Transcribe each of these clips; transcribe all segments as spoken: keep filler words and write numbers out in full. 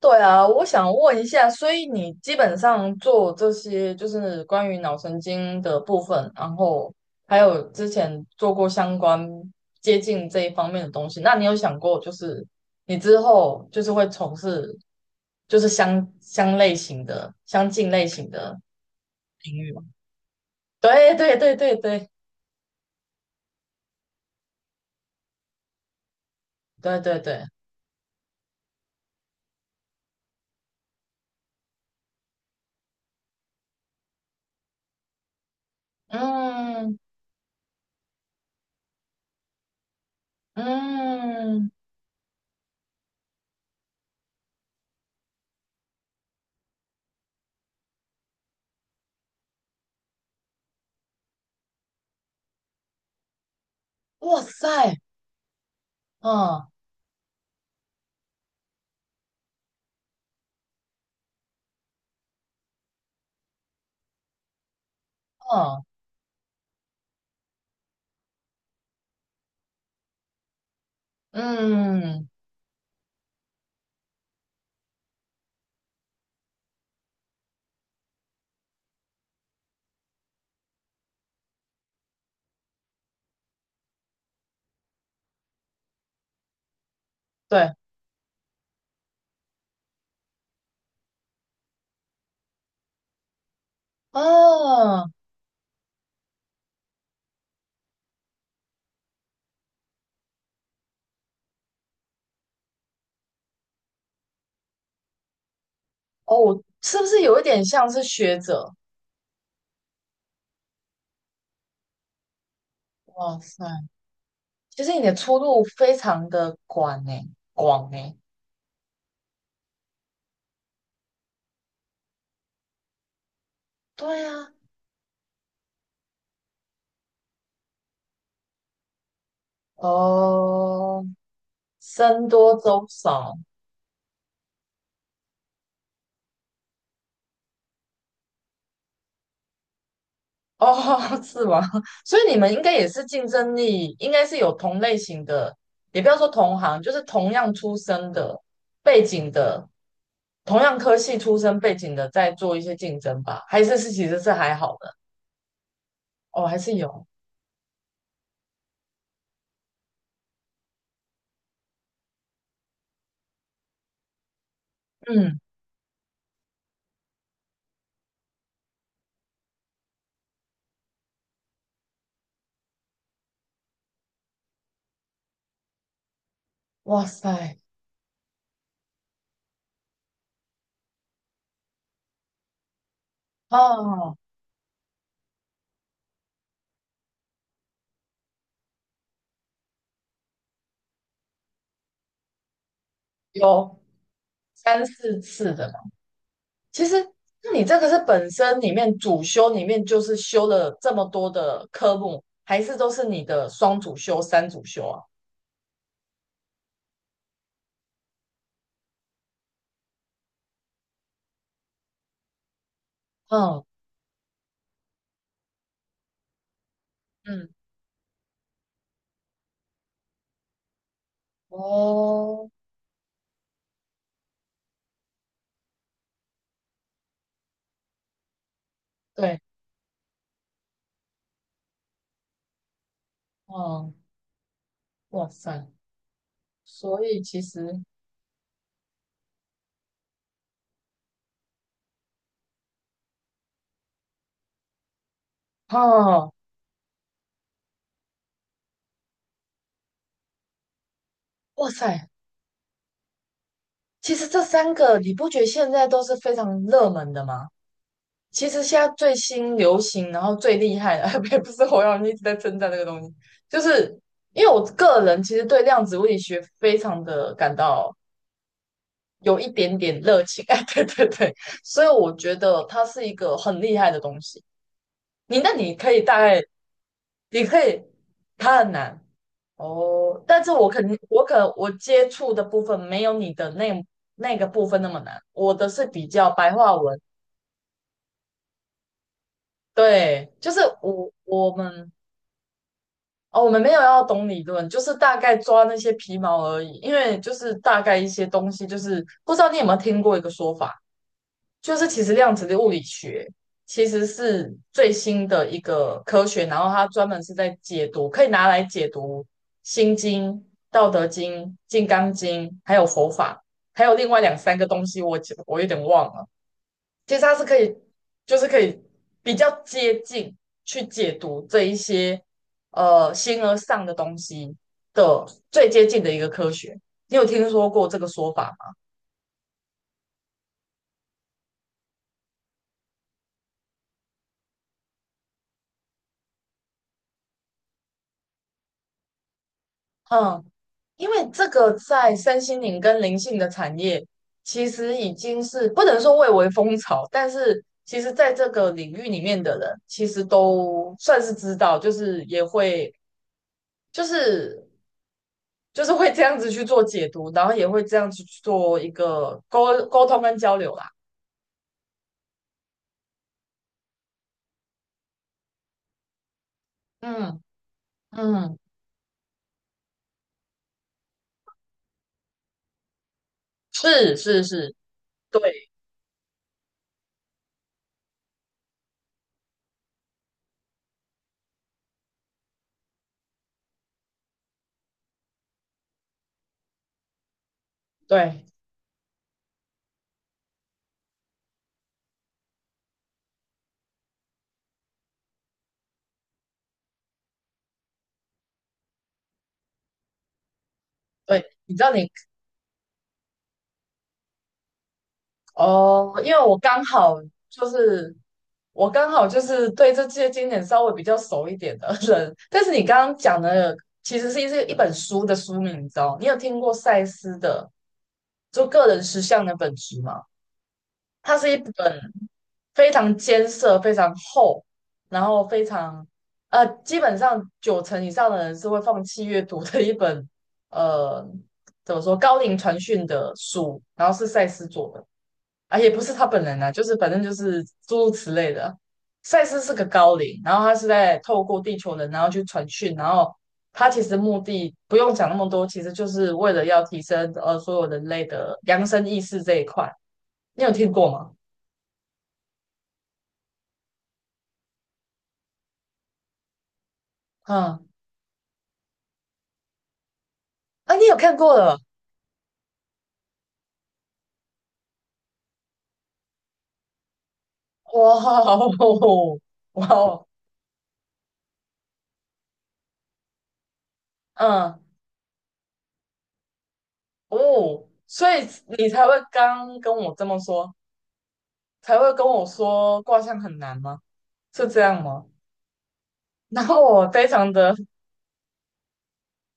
对啊，我想问一下，所以你基本上做这些就是关于脑神经的部分，然后还有之前做过相关接近这一方面的东西，那你有想过就是你之后就是会从事就是相相类型的、相近类型的领域吗？对对对对对对对对，嗯嗯，哇塞，嗯嗯嗯，对。哦，哦，是不是有一点像是学者？哇塞，其实你的出路非常的广呢，广呢。对啊，哦，僧多粥少，哦，是吗？所以你们应该也是竞争力，应该是有同类型的，也不要说同行，就是同样出身的背景的，同样科系出身背景的，在做一些竞争吧？还是是其实是还好的？哦，还是有，嗯，哇塞，哦。有，三四次的嘛。其实，那你这个是本身里面主修里面就是修了这么多的科目，还是都是你的双主修、三主修啊？嗯嗯，哦，对，嗯，哇塞，所以其实，哦，哇塞，其实这三个你不觉得现在都是非常热门的吗？其实现在最新流行，然后最厉害的，也不是我让人一直在称赞这个东西，就是因为我个人其实对量子物理学非常的感到有一点点热情，哎，对对对，所以我觉得它是一个很厉害的东西。你那你可以大概，你可以，它很难哦，但是我肯定，我可能我接触的部分没有你的那那个部分那么难，我的是比较白话文，对，就是我我们。哦，我们没有要懂理论，就是大概抓那些皮毛而已。因为就是大概一些东西，就是不知道你有没有听过一个说法，就是其实量子的物理学其实是最新的一个科学，然后它专门是在解读，可以拿来解读《心经》《道德经》《金刚经》，还有佛法，还有另外两三个东西我记，我我有点忘了。其实它是可以，就是可以比较接近去解读这一些呃形而上的东西的最接近的一个科学。你有听说过这个说法吗？嗯，因为这个在三星灵跟灵性的产业，其实已经是不能说蔚为风潮，但是其实在这个领域里面的人，其实都算是知道，就是也会就是就是会这样子去做解读，然后也会这样子去做一个沟沟通跟交流啦。嗯嗯，是是是，对对对，你知道你哦，因为我刚好就是我刚好就是对这些经典稍微比较熟一点的人，但是你刚刚讲的其实是一是一本书的书名，你知道？你有听过赛斯的就个人实相的本质吗？它是一本非常艰涩、非常厚，然后非常呃，基本上九成以上的人是会放弃阅读的一本呃，怎么说高龄传讯的书，然后是赛斯做的，啊，也不是他本人啊，就是反正就是诸如此类的。赛斯是个高龄，然后他是在透过地球人，然后去传讯，然后他其实目的不用讲那么多，其实就是为了要提升呃所有人类的扬升意识这一块。你有听过吗？嗯，啊，你有看过了？哇哦，哇哦，嗯，哦，所以你才会刚跟我这么说，才会跟我说卦象很难吗？是这样吗？然后我非常的，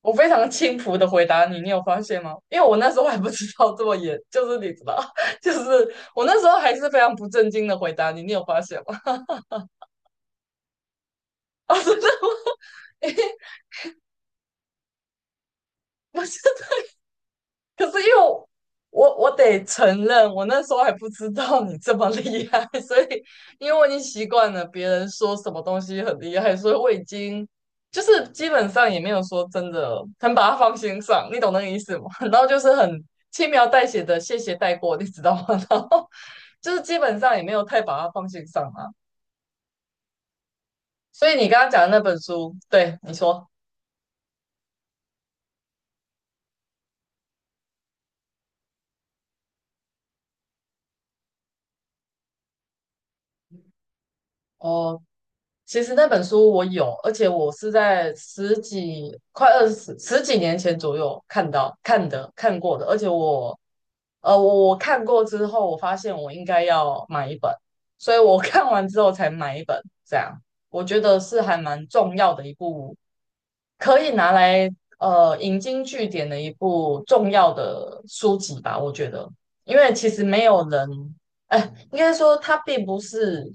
我非常轻浮的回答你，你有发现吗？因为我那时候还不知道这么严，就是你知道，就是我那时候还是非常不正经的回答你，你有发现吗？啊，真的吗？不是。可是因为我我我得承认，我那时候还不知道你这么厉害，所以因为我已经习惯了别人说什么东西很厉害，所以我已经就是基本上也没有说真的很把它放心上，你懂那个意思吗？然后就是很轻描淡写的谢谢带过，你知道吗？然后就是基本上也没有太把它放心上啊。所以你刚刚讲的那本书，对你说。哦，其实那本书我有，而且我是在十几、快二十、十几年前左右看到、看的、看过的。而且我，呃，我我看过之后，我发现我应该要买一本，所以我看完之后才买一本。这样，我觉得是还蛮重要的一部可以拿来呃引经据典的一部重要的书籍吧，我觉得，因为其实没有人，哎，应该说它并不是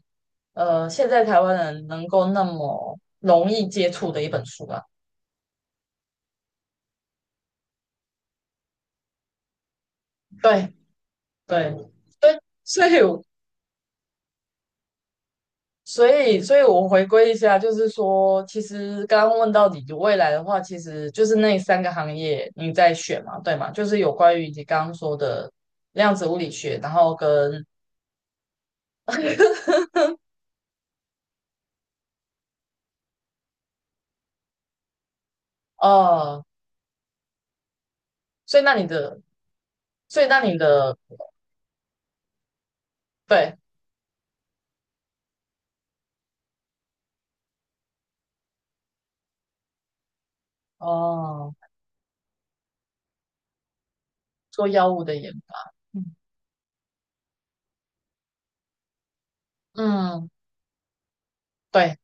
呃现在台湾人能够那么容易接触的一本书吧。对对对，所以我所以所以我回归一下，就是说，其实刚刚问到你的未来的话，其实就是那三个行业你在选嘛，对嘛？就是有关于你刚刚说的量子物理学，然后跟 哦，所以那你的，所以那你的，对，哦，做药物的研发，嗯，嗯，对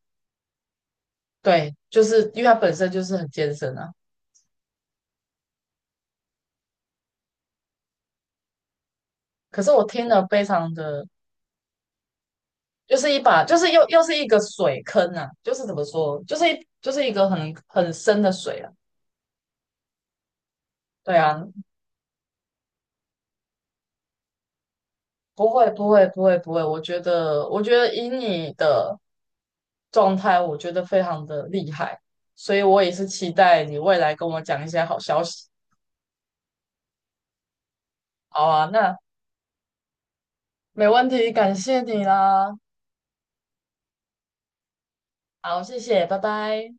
对，就是因为它本身就是很艰深啊。可是我听了非常的，就是一把，就是又又是一个水坑啊，就是怎么说，就是一就是一个很很深的水啊。对啊，不会不会不会不会，我觉得我觉得以你的状态，我觉得非常的厉害，所以我也是期待你未来跟我讲一些好消息。好啊，那没问题，感谢你啦。好，谢谢，拜拜。